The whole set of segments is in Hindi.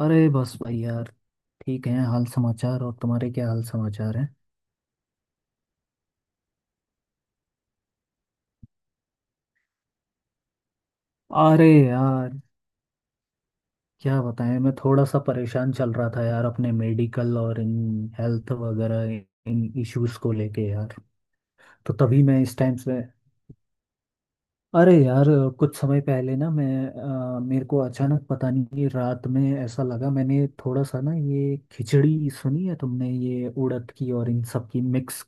अरे बस भाई यार। ठीक है हाल समाचार। और तुम्हारे क्या हाल समाचार हैं। अरे यार क्या बताएं, मैं थोड़ा सा परेशान चल रहा था यार, अपने मेडिकल और इन हेल्थ वगैरह इन इश्यूज को लेके यार। तो तभी मैं इस टाइम से, अरे यार कुछ समय पहले ना मैं, मेरे को अचानक पता नहीं कि रात में ऐसा लगा, मैंने थोड़ा सा ना, ये खिचड़ी सुनी है तुमने, ये उड़द की और इन सब की मिक्स।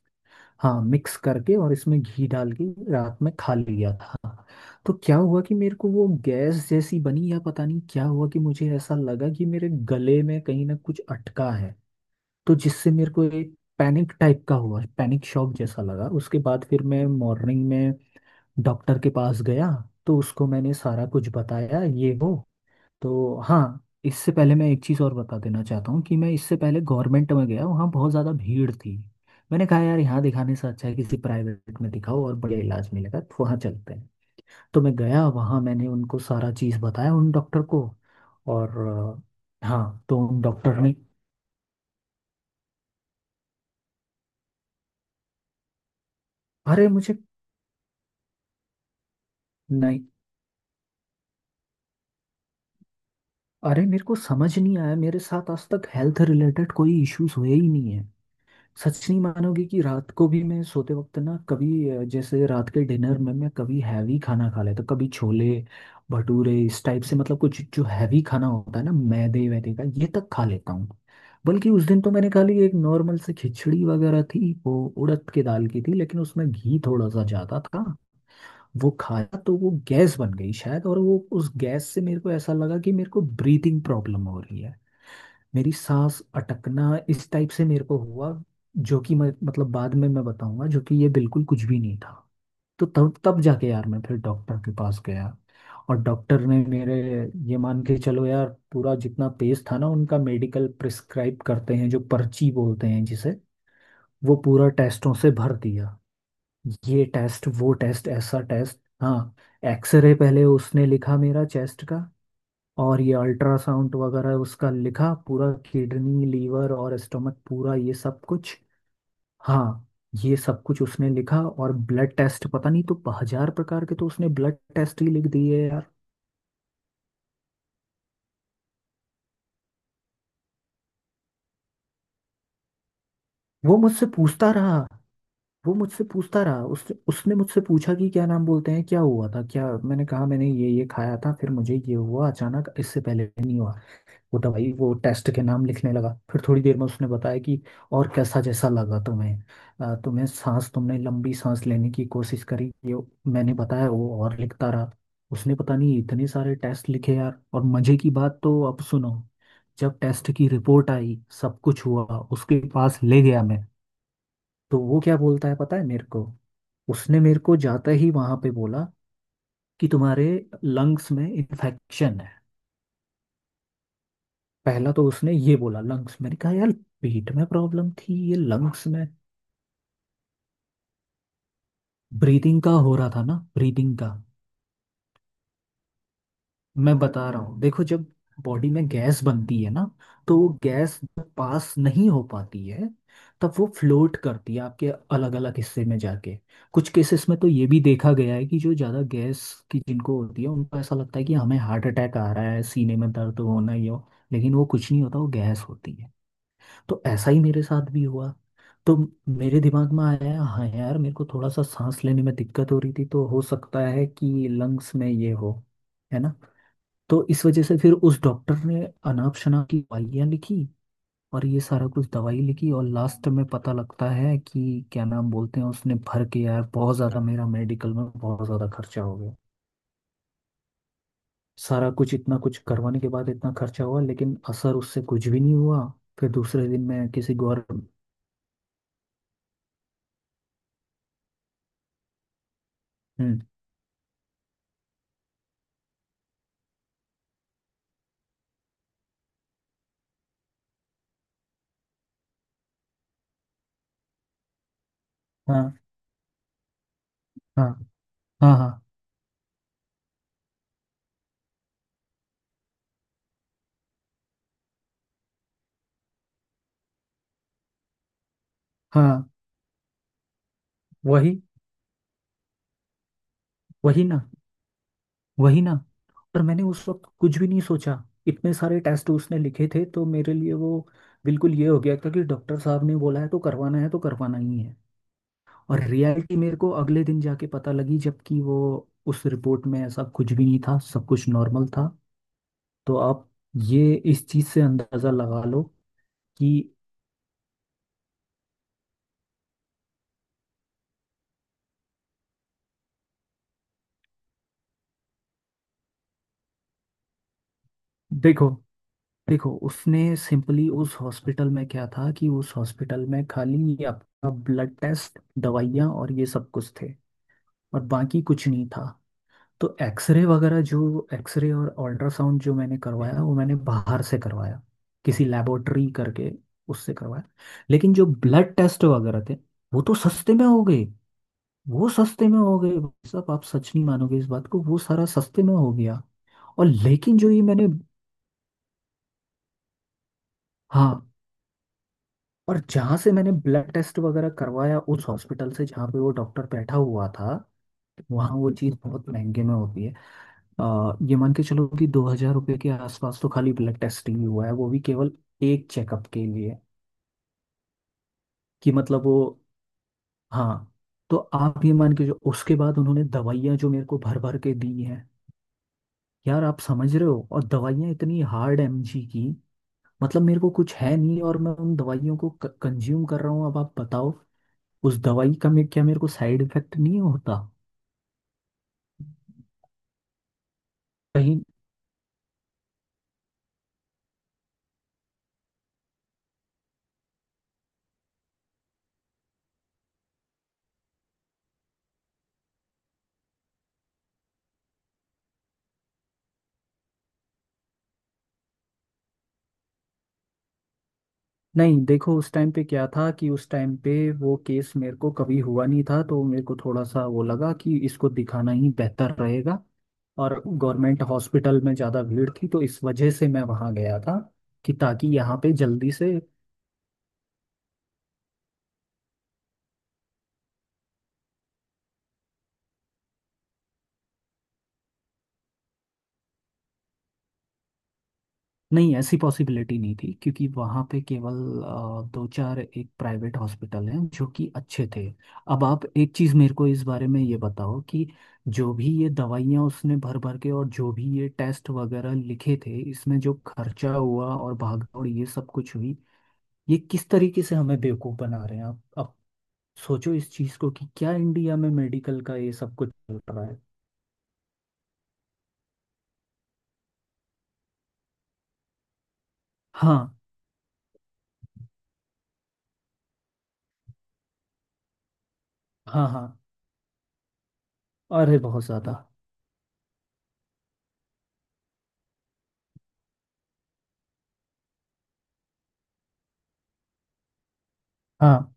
हाँ मिक्स करके और इसमें घी डाल के रात में खा लिया था। तो क्या हुआ कि मेरे को वो गैस जैसी बनी या पता नहीं क्या हुआ कि मुझे ऐसा लगा कि मेरे गले में कहीं ना कुछ अटका है। तो जिससे मेरे को एक पैनिक टाइप का हुआ, पैनिक शॉक जैसा लगा। उसके बाद फिर मैं मॉर्निंग में डॉक्टर के पास गया। तो उसको मैंने सारा कुछ बताया ये वो। तो हाँ इससे पहले मैं एक चीज़ और बता देना चाहता हूँ कि मैं इससे पहले गवर्नमेंट में गया, वहाँ बहुत ज़्यादा भीड़ थी। मैंने कहा यार यहाँ दिखाने से अच्छा है किसी प्राइवेट में दिखाओ और बढ़िया इलाज मिलेगा, तो वहाँ चलते हैं। तो मैं गया वहाँ, मैंने उनको सारा चीज़ बताया उन डॉक्टर को। और हाँ तो उन डॉक्टर ने, अरे मुझे, नहीं अरे मेरे को समझ नहीं आया, मेरे साथ आज तक हेल्थ रिलेटेड कोई इश्यूज हुए ही नहीं है। सच नहीं मानोगे कि रात को भी मैं सोते वक्त ना कभी, जैसे रात के डिनर में मैं कभी हैवी खाना खा लेता, कभी छोले भटूरे इस टाइप से, मतलब कुछ जो हैवी खाना होता है ना मैदे वैदे का ये तक खा लेता हूँ। बल्कि उस दिन तो मैंने खा ली, एक नॉर्मल से खिचड़ी वगैरह थी, वो उड़द के दाल की थी, लेकिन उसमें घी थोड़ा सा ज़्यादा था। वो खाया तो वो गैस बन गई शायद, और वो उस गैस से मेरे को ऐसा लगा कि मेरे को ब्रीथिंग प्रॉब्लम हो रही है। मेरी सांस अटकना इस टाइप से मेरे को हुआ। जो कि मैं, मतलब बाद में मैं बताऊंगा, जो कि ये बिल्कुल कुछ भी नहीं था। तो तब तब जाके यार मैं फिर डॉक्टर के पास गया। और डॉक्टर ने मेरे, ये मान के चलो यार पूरा जितना पेज था ना, उनका मेडिकल प्रिस्क्राइब करते हैं जो पर्ची बोलते हैं जिसे, वो पूरा टेस्टों से भर दिया। ये टेस्ट वो टेस्ट ऐसा टेस्ट, हाँ एक्सरे पहले उसने लिखा मेरा चेस्ट का। और ये अल्ट्रासाउंड वगैरह उसका लिखा, पूरा किडनी लीवर और स्टमक पूरा ये सब कुछ। हाँ ये सब कुछ उसने लिखा और ब्लड टेस्ट पता नहीं तो हजार प्रकार के, तो उसने ब्लड टेस्ट ही लिख दिए यार। वो मुझसे पूछता रहा, वो मुझसे पूछता रहा। उसने मुझसे पूछा कि क्या नाम बोलते हैं, क्या हुआ था क्या। मैंने कहा मैंने ये खाया था, फिर मुझे ये हुआ अचानाक, इससे पहले नहीं हुआ। वो दवाई वो टेस्ट के नाम लिखने लगा। फिर थोड़ी देर में उसने बताया कि, और कैसा जैसा लगा तुम्हें, तुम्हें सांस, तुमने लंबी सांस लेने की कोशिश करी ये। मैंने बताया, वो और लिखता रहा। उसने पता नहीं इतने सारे टेस्ट लिखे यार। और मजे की बात तो अब सुनो, जब टेस्ट की रिपोर्ट आई सब कुछ हुआ, उसके पास ले गया मैं, तो वो क्या बोलता है पता है मेरे को। उसने मेरे को जाते ही वहां पे बोला कि तुम्हारे लंग्स में इन्फेक्शन है। पहला तो उसने ये बोला लंग्स। मैंने कहा यार पेट में प्रॉब्लम थी, ये लंग्स में। ब्रीदिंग का हो रहा था ना, ब्रीदिंग का। मैं बता रहा हूँ देखो, जब बॉडी में गैस बनती है ना, तो वो गैस जब पास नहीं हो पाती है, तब वो फ्लोट करती है आपके अलग अलग हिस्से में जाके। कुछ केसेस में तो ये भी देखा गया है कि जो ज़्यादा गैस की जिनको होती है, उनको ऐसा लगता है कि हमें हार्ट अटैक आ रहा है, सीने में दर्द होना ही हो। लेकिन वो कुछ नहीं होता, वो गैस होती है। तो ऐसा ही मेरे साथ भी हुआ। तो मेरे दिमाग में आया, हाँ यार मेरे को थोड़ा सा सांस लेने में दिक्कत हो रही थी, तो हो सकता है कि लंग्स में ये हो, है ना। तो इस वजह से फिर उस डॉक्टर ने अनाप शनाप की दवाइयाँ लिखी, और ये सारा कुछ दवाई लिखी। और लास्ट में पता लगता है कि, क्या नाम बोलते हैं, उसने भर के यार बहुत ज़्यादा, मेरा मेडिकल में बहुत ज़्यादा खर्चा हो गया। सारा कुछ इतना कुछ करवाने के बाद इतना खर्चा हुआ, लेकिन असर उससे कुछ भी नहीं हुआ। फिर दूसरे दिन मैं किसी गौर, हम्म। हाँ हाँ हाँ, हाँ हाँ, वही, वही ना, वही ना। पर मैंने उस वक्त कुछ भी नहीं सोचा। इतने सारे टेस्ट उसने लिखे थे तो मेरे लिए वो बिल्कुल ये हो गया था कि डॉक्टर साहब ने बोला है तो करवाना है, तो करवाना ही है। और रियलिटी मेरे को अगले दिन जाके पता लगी, जबकि वो उस रिपोर्ट में ऐसा कुछ भी नहीं था, सब कुछ नॉर्मल था। तो आप ये इस चीज़ से अंदाज़ा लगा लो कि, देखो, देखो उसने सिंपली उस हॉस्पिटल में क्या था कि, उस हॉस्पिटल में खाली ये आपका ब्लड टेस्ट, दवाइयाँ और ये सब कुछ थे, और बाकी कुछ नहीं था। तो एक्सरे वगैरह जो एक्सरे और अल्ट्रासाउंड जो मैंने करवाया वो मैंने बाहर से करवाया, किसी लेबोरेटरी करके, उससे करवाया। लेकिन जो ब्लड टेस्ट वगैरह थे, वो तो सस्ते में हो गए। वो सस्ते में हो गए। भाई साहब आप सच नहीं मानोगे इस बात को, वो सारा सस्ते में हो गया। और लेकिन जो ये मैंने, हाँ और जहाँ से मैंने ब्लड टेस्ट वगैरह करवाया, उस हॉस्पिटल से जहाँ पे वो डॉक्टर बैठा हुआ था, वहाँ वो चीज़ बहुत महंगे में होती है। ये मान के चलो कि 2000 रुपये के आसपास तो खाली ब्लड टेस्ट ही हुआ है, वो भी केवल एक चेकअप के लिए कि, मतलब वो, हाँ। तो आप ये मान के, जो उसके बाद उन्होंने दवाइयाँ जो मेरे को भर भर के दी हैं यार, आप समझ रहे हो। और दवाइयाँ इतनी हार्ड एमजी की, मतलब मेरे को कुछ है नहीं और मैं उन दवाइयों को कंज्यूम कर रहा हूँ। अब आप बताओ, उस दवाई का मे क्या मेरे को साइड इफेक्ट नहीं होता कहीं। नहीं देखो उस टाइम पे क्या था कि, उस टाइम पे वो केस मेरे को कभी हुआ नहीं था, तो मेरे को थोड़ा सा वो लगा कि इसको दिखाना ही बेहतर रहेगा। और गवर्नमेंट हॉस्पिटल में ज़्यादा भीड़ थी, तो इस वजह से मैं वहाँ गया था कि ताकि यहाँ पे जल्दी से। नहीं ऐसी पॉसिबिलिटी नहीं थी, क्योंकि वहाँ पे केवल दो चार एक प्राइवेट हॉस्पिटल हैं जो कि अच्छे थे। अब आप एक चीज़ मेरे को इस बारे में ये बताओ कि, जो भी ये दवाइयाँ उसने भर भर के, और जो भी ये टेस्ट वगैरह लिखे थे, इसमें जो खर्चा हुआ और भागदौड़ ये सब कुछ हुई, ये किस तरीके से हमें बेवकूफ़ बना रहे हैं। आप अब सोचो इस चीज़ को कि क्या इंडिया में मेडिकल का ये सब कुछ चल रहा है। हाँ हाँ हाँ। अरे बहुत ज़्यादा। हाँ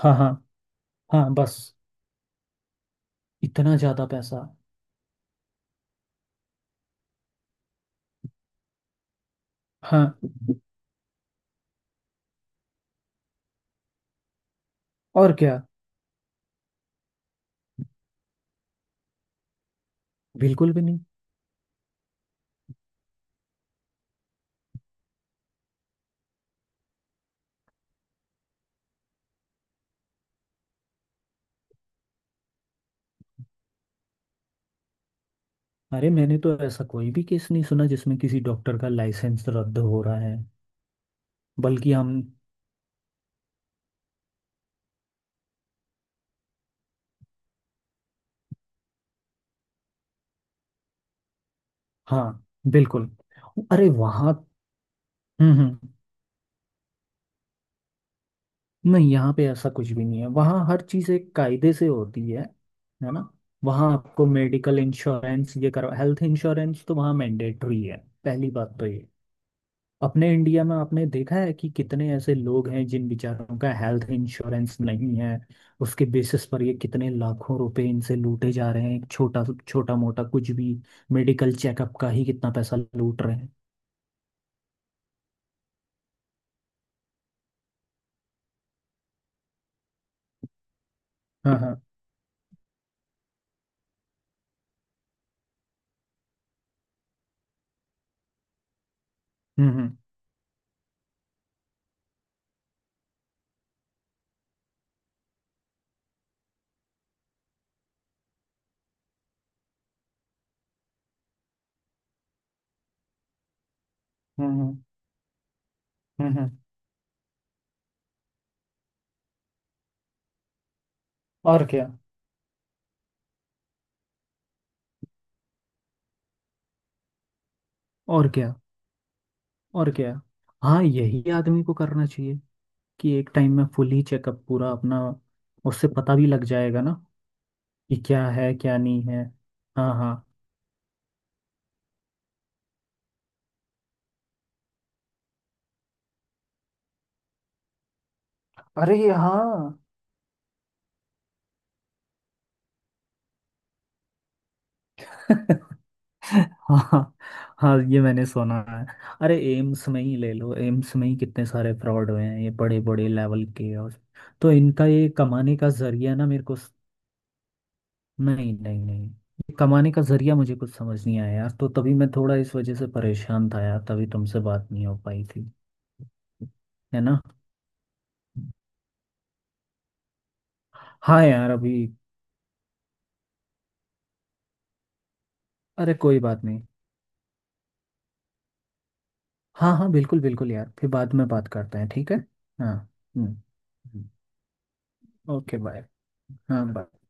हाँ, हाँ, हाँ बस इतना ज्यादा पैसा। हाँ और क्या। बिल्कुल भी नहीं। अरे मैंने तो ऐसा कोई भी केस नहीं सुना जिसमें किसी डॉक्टर का लाइसेंस रद्द हो रहा है। बल्कि हम, हाँ बिल्कुल। अरे वहाँ, हम्म, नहीं यहाँ पे ऐसा कुछ भी नहीं है। वहाँ हर चीज़ एक कायदे से होती है ना। वहाँ आपको मेडिकल इंश्योरेंस ये करो, हेल्थ इंश्योरेंस तो वहाँ मैंडेटरी है, पहली बात तो ये। अपने इंडिया में आपने देखा है कि कितने ऐसे लोग हैं जिन बेचारों का हेल्थ इंश्योरेंस नहीं है। उसके बेसिस पर ये कितने लाखों रुपए इनसे लूटे जा रहे हैं, एक छोटा छोटा मोटा कुछ भी मेडिकल चेकअप का ही कितना पैसा लूट रहे हैं। हाँ हाँ। हम्म। हम्म हम्म। और क्या, और क्या, और क्या। हाँ यही आदमी को करना चाहिए, कि एक टाइम में फुल ही चेकअप पूरा अपना, उससे पता भी लग जाएगा ना कि क्या है क्या नहीं है। हाँ हाँ, अरे हाँ। हाँ, हाँ ये मैंने सुना है। अरे एम्स में ही ले लो, एम्स में ही कितने सारे फ्रॉड हुए हैं ये बड़े बड़े लेवल के। और तो इनका ये कमाने का जरिया ना मेरे को नहीं नहीं नहीं, ये कमाने का जरिया मुझे कुछ समझ नहीं आया यार, तो तभी मैं थोड़ा इस वजह से परेशान था यार, तभी तुमसे बात नहीं हो पाई थी। है ना। हाँ यार अभी। अरे कोई बात नहीं। हाँ हाँ बिल्कुल बिल्कुल यार, फिर बाद में बात करते हैं, ठीक है। हाँ हम्म। हम्म, ओके बाय। हाँ bye।